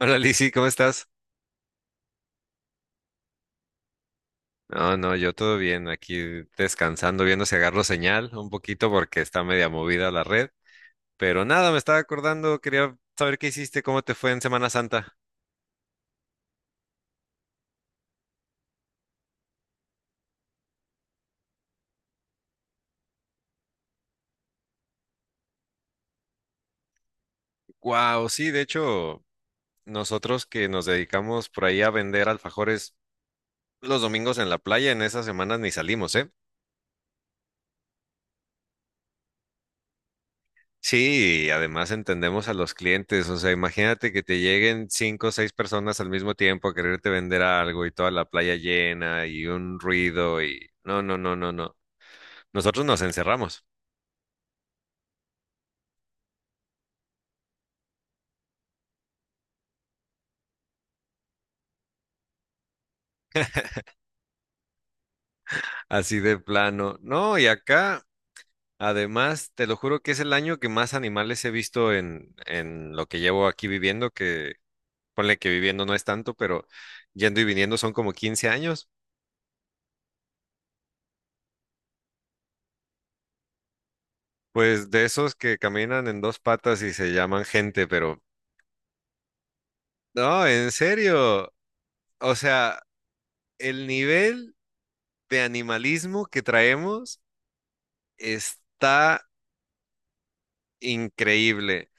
Hola Lizzy, ¿cómo estás? No, no, yo todo bien, aquí descansando, viendo si agarro señal un poquito porque está media movida la red. Pero nada, me estaba acordando, quería saber qué hiciste, cómo te fue en Semana Santa. Wow, sí, de hecho, nosotros que nos dedicamos por ahí a vender alfajores los domingos en la playa, en esas semanas ni salimos, ¿eh? Sí, y además entendemos a los clientes, o sea, imagínate que te lleguen cinco o seis personas al mismo tiempo a quererte vender algo y toda la playa llena y un ruido y no, no, no, no, no. Nosotros nos encerramos, así de plano. No, y acá, además, te lo juro que es el año que más animales he visto en lo que llevo aquí viviendo, que ponle que viviendo no es tanto, pero yendo y viniendo son como 15 años. Pues de esos que caminan en dos patas y se llaman gente, pero no, en serio. O sea, el nivel de animalismo que traemos está increíble.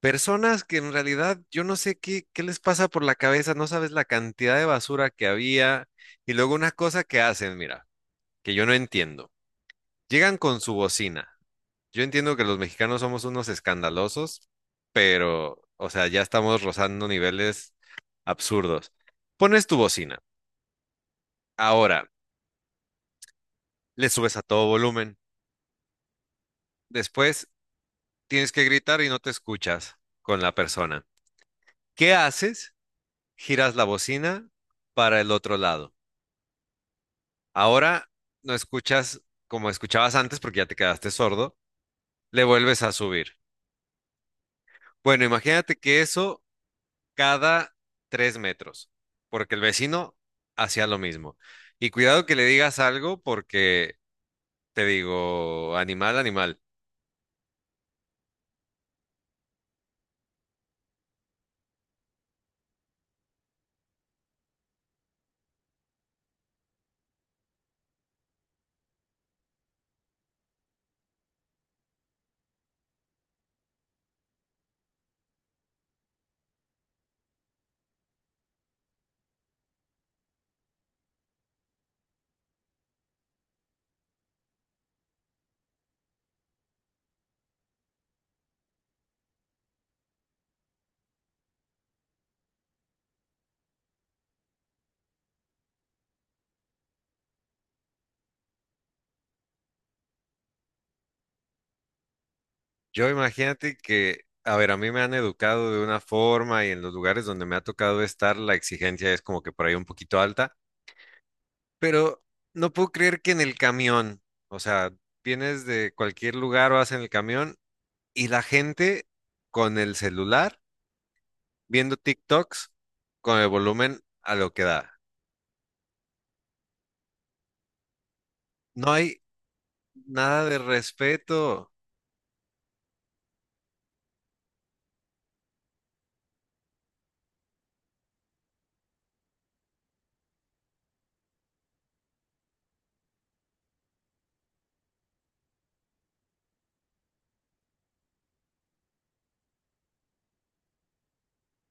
Personas que en realidad yo no sé qué les pasa por la cabeza, no sabes la cantidad de basura que había. Y luego una cosa que hacen, mira, que yo no entiendo. Llegan con su bocina. Yo entiendo que los mexicanos somos unos escandalosos, pero, o sea, ya estamos rozando niveles absurdos. Pones tu bocina. Ahora, le subes a todo volumen. Después tienes que gritar y no te escuchas con la persona. ¿Qué haces? Giras la bocina para el otro lado. Ahora no escuchas como escuchabas antes porque ya te quedaste sordo. Le vuelves a subir. Bueno, imagínate que eso cada 3 metros, porque el vecino hacía lo mismo. Y cuidado que le digas algo porque te digo, animal, animal. Yo imagínate que, a ver, a mí me han educado de una forma y en los lugares donde me ha tocado estar, la exigencia es como que por ahí un poquito alta, pero no puedo creer que en el camión, o sea, vienes de cualquier lugar o vas en el camión y la gente con el celular viendo TikToks con el volumen a lo que da. No hay nada de respeto,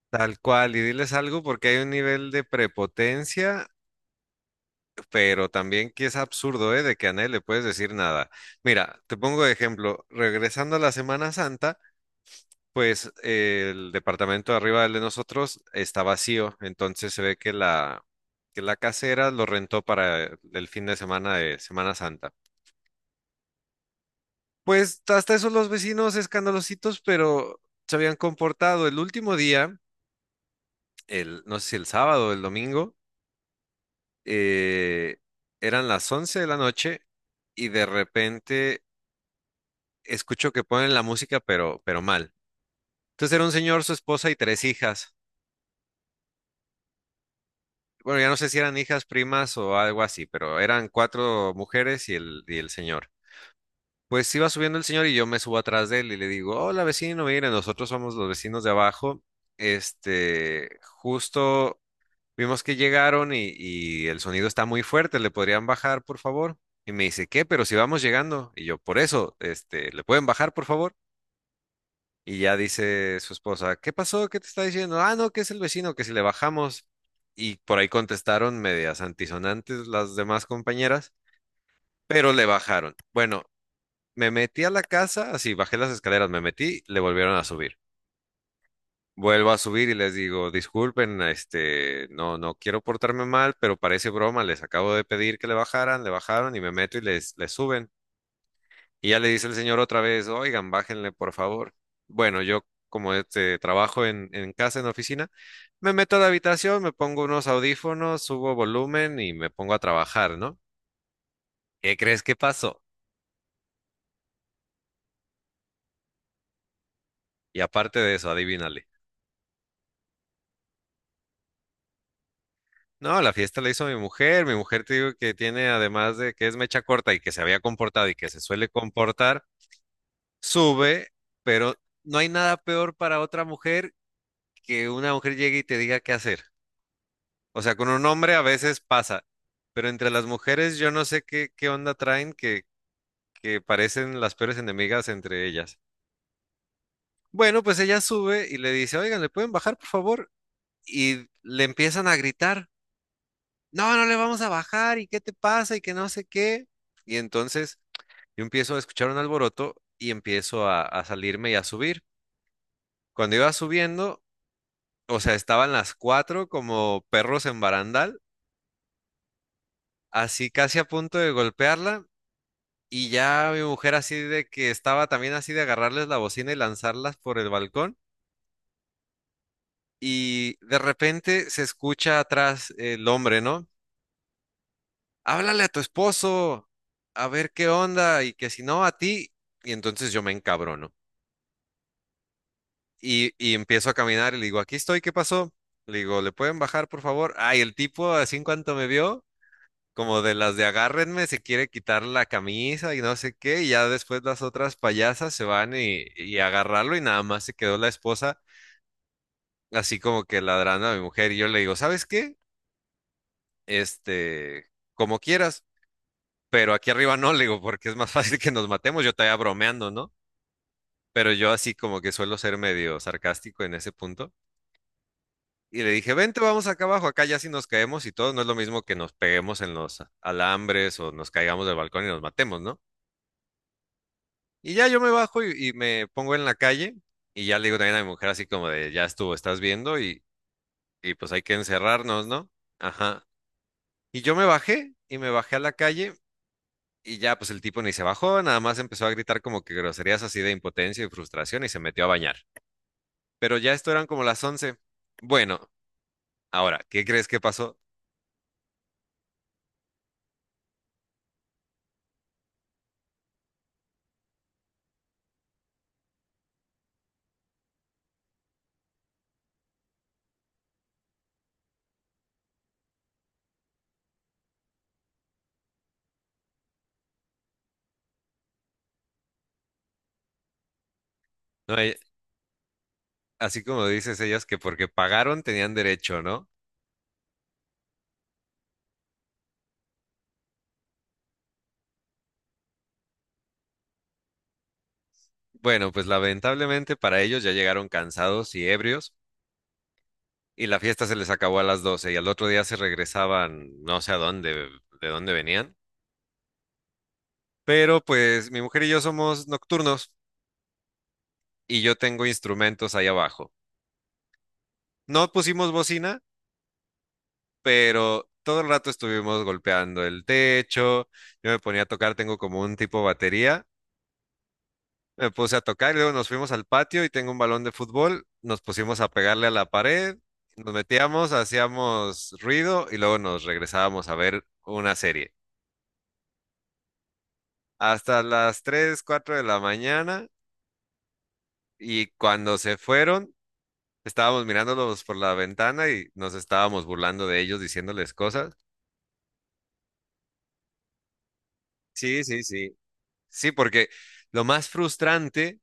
tal cual, y diles algo porque hay un nivel de prepotencia pero también que es absurdo, ¿eh? De que a nadie le puedes decir nada. Mira, te pongo de ejemplo, regresando a la Semana Santa, pues el departamento de arriba del de nosotros está vacío, entonces se ve que la, casera lo rentó para el fin de Semana Santa. Pues hasta eso los vecinos escandalositos, pero se habían comportado. El último día, no sé si el sábado o el domingo, eh, eran las 11 de la noche y de repente escucho que ponen la música, pero mal. Entonces era un señor, su esposa y tres hijas. Bueno, ya no sé si eran hijas, primas o algo así, pero eran cuatro mujeres y y el señor. Pues iba subiendo el señor y yo me subo atrás de él y le digo, hola vecino, mire, nosotros somos los vecinos de abajo. Justo vimos que llegaron y el sonido está muy fuerte, ¿le podrían bajar, por favor? Y me dice, ¿qué? Pero si vamos llegando. Y yo, por eso, ¿le pueden bajar, por favor? Y ya dice su esposa, ¿qué pasó? ¿Qué te está diciendo? Ah, no, que es el vecino, que si le bajamos. Y por ahí contestaron medias antisonantes las demás compañeras, pero le bajaron. Bueno, me metí a la casa, así bajé las escaleras, me metí, le volvieron a subir. Vuelvo a subir y les digo, disculpen, no, no quiero portarme mal, pero parece broma, les acabo de pedir que le bajaran, le bajaron y me meto y les suben. Y ya le dice el señor otra vez, oigan, bájenle, por favor. Bueno, yo como trabajo en casa, en oficina, me meto a la habitación, me pongo unos audífonos, subo volumen y me pongo a trabajar, ¿no? ¿Qué crees que pasó? Y aparte de eso, adivínale. No, la fiesta la hizo mi mujer. Mi mujer te digo que tiene, además de que es mecha corta y que se había comportado y que se suele comportar, sube, pero no hay nada peor para otra mujer que una mujer llegue y te diga qué hacer. O sea, con un hombre a veces pasa, pero entre las mujeres yo no sé qué, onda traen que parecen las peores enemigas entre ellas. Bueno, pues ella sube y le dice, oigan, ¿le pueden bajar, por favor? Y le empiezan a gritar, no, no le vamos a bajar, ¿y qué te pasa? Y que no sé qué. Y entonces yo empiezo a escuchar un alboroto y empiezo a salirme y a subir. Cuando iba subiendo, o sea, estaban las cuatro como perros en barandal, así casi a punto de golpearla. Y ya mi mujer así de que estaba también así de agarrarles la bocina y lanzarlas por el balcón. Y de repente se escucha atrás el hombre, ¿no? Háblale a tu esposo, a ver qué onda, y que si no, a ti. Y entonces yo me encabrono. Y empiezo a caminar y le digo, aquí estoy, ¿qué pasó? Le digo, ¿le pueden bajar, por favor? Ay, el tipo, así en cuanto me vio, como de las de agárrenme, se quiere quitar la camisa y no sé qué, y ya después las otras payasas se van y a agarrarlo y nada más se quedó la esposa así como que ladrando a mi mujer y yo le digo, ¿sabes qué? Como quieras, pero aquí arriba no, le digo, porque es más fácil que nos matemos, yo todavía bromeando, ¿no? Pero yo así como que suelo ser medio sarcástico en ese punto. Y le dije, vente, vamos acá abajo, acá ya si nos caemos y todo, no es lo mismo que nos peguemos en los alambres o nos caigamos del balcón y nos matemos, ¿no? Y ya yo me bajo y me pongo en la calle y ya le digo también a mi mujer así como de, ya estuvo, estás viendo y pues hay que encerrarnos, ¿no? Ajá. Y yo me bajé y me bajé a la calle y ya pues el tipo ni se bajó, nada más empezó a gritar como que groserías así de impotencia y frustración y se metió a bañar. Pero ya esto eran como las 11. Bueno, ahora, ¿qué crees que pasó? No, así como dices ellas que porque pagaron tenían derecho, ¿no? Bueno, pues lamentablemente para ellos ya llegaron cansados y ebrios. Y la fiesta se les acabó a las 12 y al otro día se regresaban, no sé a dónde, de dónde venían. Pero pues mi mujer y yo somos nocturnos y yo tengo instrumentos ahí abajo. No pusimos bocina, pero todo el rato estuvimos golpeando el techo. Yo me ponía a tocar, tengo como un tipo batería. Me puse a tocar y luego nos fuimos al patio y tengo un balón de fútbol. Nos pusimos a pegarle a la pared, nos metíamos, hacíamos ruido y luego nos regresábamos a ver una serie, hasta las 3 4 de la mañana, y cuando se fueron, estábamos mirándolos por la ventana y nos estábamos burlando de ellos, diciéndoles cosas. Sí, sí, sí. Sí, porque lo más frustrante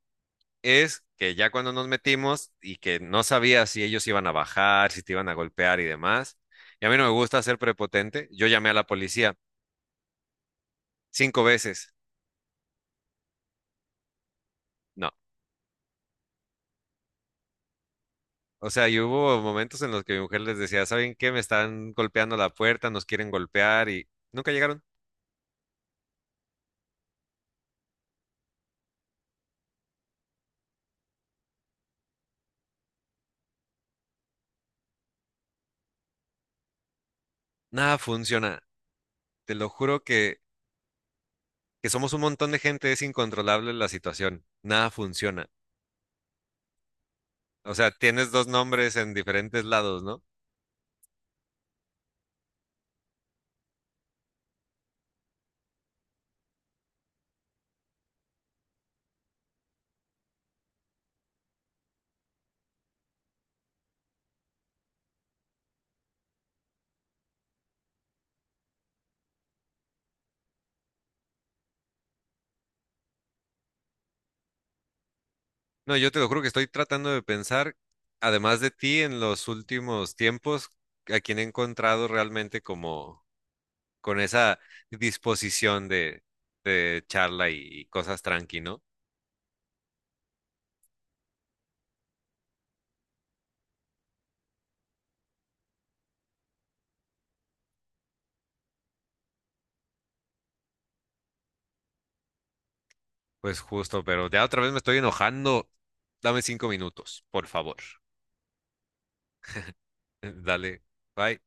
es que ya cuando nos metimos y que no sabía si ellos iban a bajar, si te iban a golpear y demás, y a mí no me gusta ser prepotente, yo llamé a la policía cinco veces. No. O sea, y hubo momentos en los que mi mujer les decía, ¿saben qué? Me están golpeando la puerta, nos quieren golpear y nunca llegaron. Nada funciona. Te lo juro que somos un montón de gente, es incontrolable la situación. Nada funciona. O sea, tienes dos nombres en diferentes lados, ¿no? No, yo te lo juro que estoy tratando de pensar, además de ti, en los últimos tiempos, a quien he encontrado realmente como con esa disposición de, charla y cosas tranqui, ¿no? Pues justo, pero ya otra vez me estoy enojando. Dame 5 minutos, por favor. Dale, bye.